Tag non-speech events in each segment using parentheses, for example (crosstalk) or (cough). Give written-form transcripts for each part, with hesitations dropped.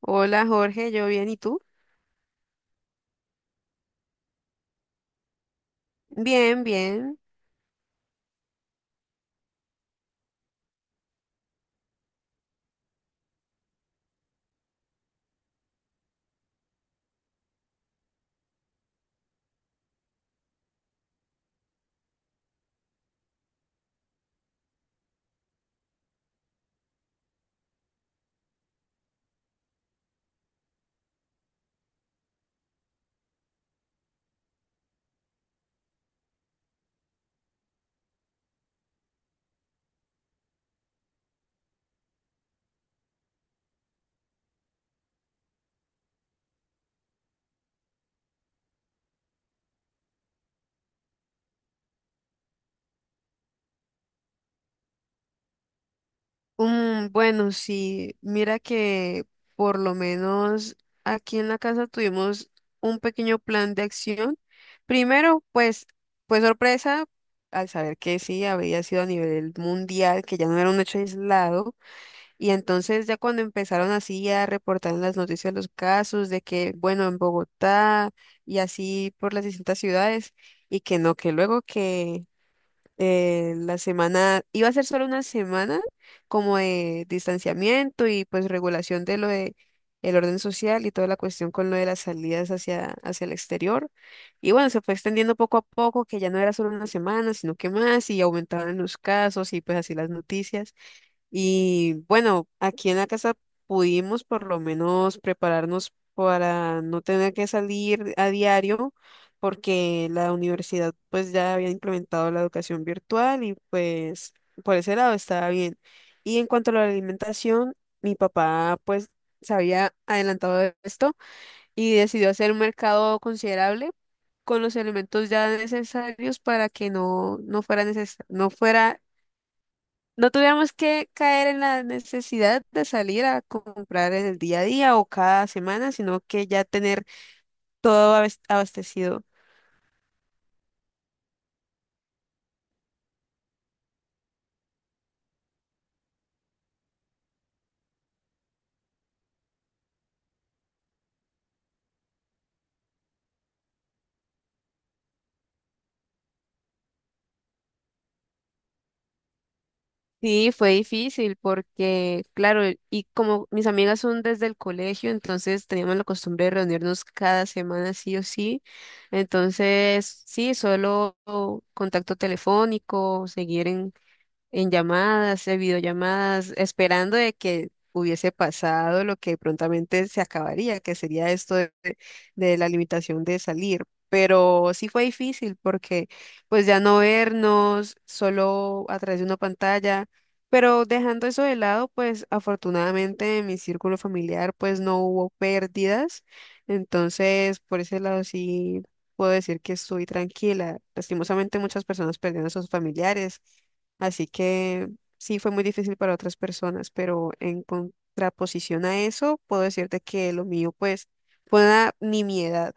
Hola Jorge, yo bien, ¿y tú? Bien, bien. Bueno, sí, mira que por lo menos aquí en la casa tuvimos un pequeño plan de acción. Primero, pues, fue sorpresa al saber que sí, había sido a nivel mundial, que ya no era un hecho aislado. Y entonces ya cuando empezaron así a reportar en las noticias los casos de que, bueno, en Bogotá y así por las distintas ciudades, y que no, que luego que la semana, iba a ser solo una semana como de distanciamiento y pues regulación de lo de el orden social y toda la cuestión con lo de las salidas hacia el exterior. Y bueno, se fue extendiendo poco a poco, que ya no era solo una semana, sino que más, y aumentaban los casos y pues así las noticias. Y bueno, aquí en la casa pudimos por lo menos prepararnos para no tener que salir a diario, porque la universidad pues ya había implementado la educación virtual y pues por ese lado estaba bien. Y en cuanto a la alimentación, mi papá pues se había adelantado de esto y decidió hacer un mercado considerable con los elementos ya necesarios para que no fuera no fuera no tuviéramos que caer en la necesidad de salir a comprar en el día a día o cada semana, sino que ya tener todo abastecido. Sí, fue difícil porque, claro, y como mis amigas son desde el colegio, entonces teníamos la costumbre de reunirnos cada semana sí o sí. Entonces, sí, solo contacto telefónico, seguir en llamadas, en videollamadas, esperando de que hubiese pasado lo que prontamente se acabaría, que sería esto de la limitación de salir. Pero sí fue difícil porque pues ya no vernos solo a través de una pantalla, pero dejando eso de lado, pues afortunadamente en mi círculo familiar pues no hubo pérdidas, entonces por ese lado sí puedo decir que estoy tranquila. Lastimosamente muchas personas perdieron a sus familiares. Así que sí fue muy difícil para otras personas, pero en contraposición a eso, puedo decirte que lo mío, pues, fue una nimiedad.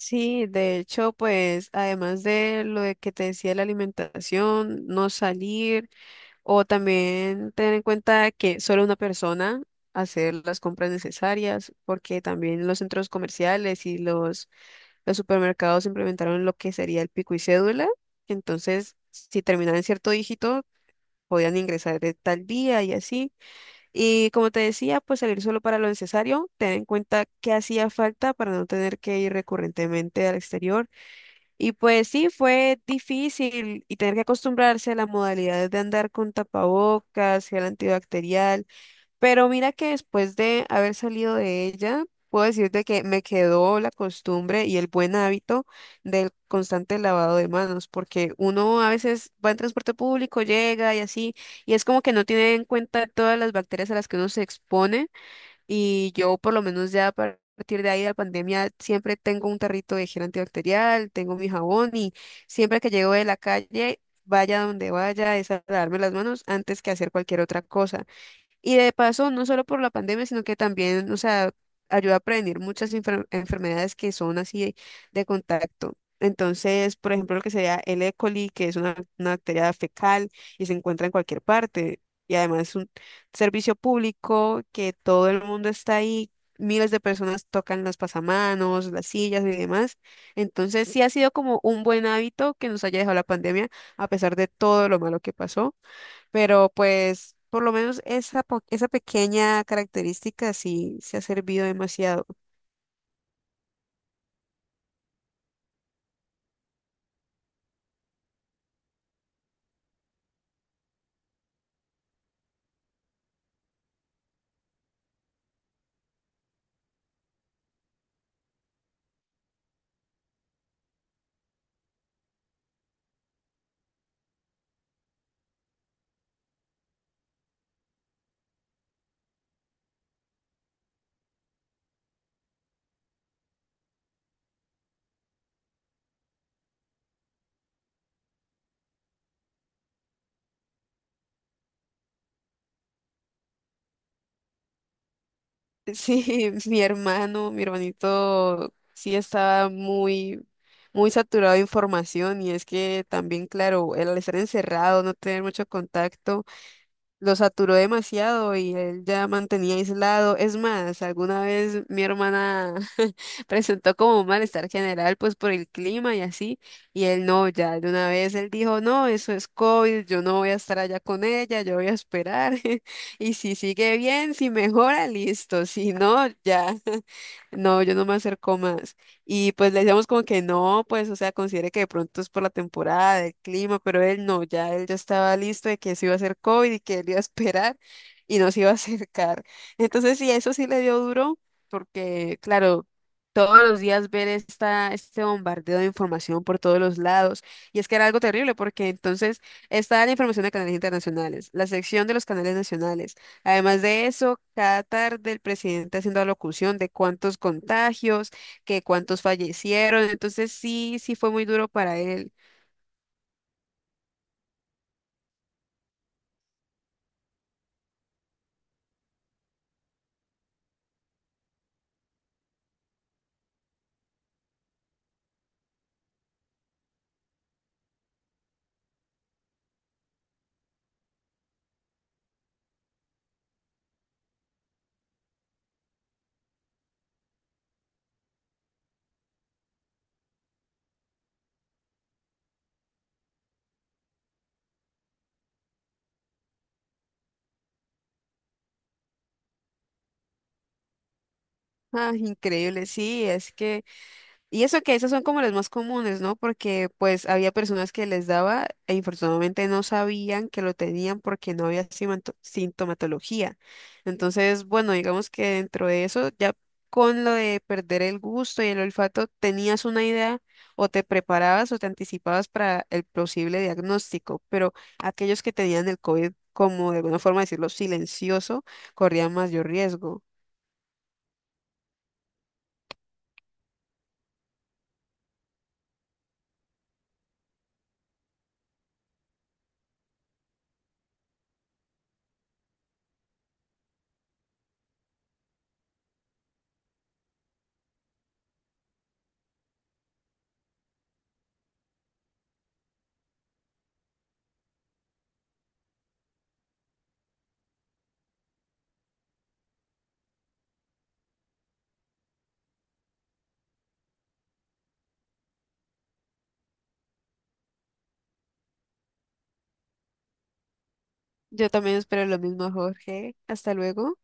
Sí, de hecho, pues, además de lo de que te decía de la alimentación, no salir, o también tener en cuenta que solo una persona hacer las compras necesarias, porque también los centros comerciales y los supermercados implementaron lo que sería el pico y cédula. Entonces, si terminaba en cierto dígito, podían ingresar de tal día y así. Y como te decía, pues salir solo para lo necesario, tener en cuenta qué hacía falta para no tener que ir recurrentemente al exterior. Y pues sí, fue difícil y tener que acostumbrarse a las modalidades de andar con tapabocas, gel antibacterial, pero mira que después de haber salido de ella, puedo decirte que me quedó la costumbre y el buen hábito del constante lavado de manos, porque uno a veces va en transporte público, llega y así, y es como que no tiene en cuenta todas las bacterias a las que uno se expone, y yo por lo menos ya a partir de ahí de la pandemia siempre tengo un tarrito de gel antibacterial, tengo mi jabón y siempre que llego de la calle, vaya donde vaya, es a lavarme las manos antes que hacer cualquier otra cosa. Y de paso, no solo por la pandemia, sino que también, o sea, ayuda a prevenir muchas enfermedades que son así de contacto. Entonces, por ejemplo, lo que sería el E. coli, que es una bacteria fecal y se encuentra en cualquier parte. Y además es un servicio público que todo el mundo está ahí, miles de personas tocan los pasamanos, las sillas y demás. Entonces, sí ha sido como un buen hábito que nos haya dejado la pandemia, a pesar de todo lo malo que pasó. Pero pues por lo menos esa, esa pequeña característica sí se ha servido demasiado. Sí, (laughs) mi hermano, mi hermanito sí estaba muy, muy saturado de información y es que también, claro, el estar encerrado, no tener mucho contacto. Lo saturó demasiado y él ya mantenía aislado. Es más, alguna vez mi hermana (laughs) presentó como un malestar general, pues por el clima y así, y él no, ya de una vez él dijo, no, eso es COVID, yo no voy a estar allá con ella, yo voy a esperar. (laughs) Y si sigue bien, si mejora, listo, si no, ya, (laughs) no, yo no me acerco más. Y pues le decíamos como que no, pues, o sea, considere que de pronto es por la temporada, el clima, pero él no, ya él ya estaba listo de que se iba a hacer COVID y que él iba a esperar y no se iba a (laughs) acercar. Entonces, sí, eso sí le dio duro, porque, claro, todos los días ver esta, este bombardeo de información por todos los lados. Y es que era algo terrible, porque entonces está la información de canales internacionales, la sección de los canales nacionales. Además de eso, cada tarde el presidente haciendo alocución de cuántos contagios, que cuántos fallecieron, entonces sí, sí fue muy duro para él. Ah, increíble, sí, es que. Y eso que esas son como las más comunes, ¿no? Porque pues había personas que les daba e infortunadamente no sabían que lo tenían porque no había sintomatología. Entonces, bueno, digamos que dentro de eso, ya con lo de perder el gusto y el olfato, tenías una idea o te preparabas o te anticipabas para el posible diagnóstico, pero aquellos que tenían el COVID, como de alguna forma decirlo, silencioso, corrían mayor riesgo. Yo también espero lo mismo, Jorge. Hasta luego.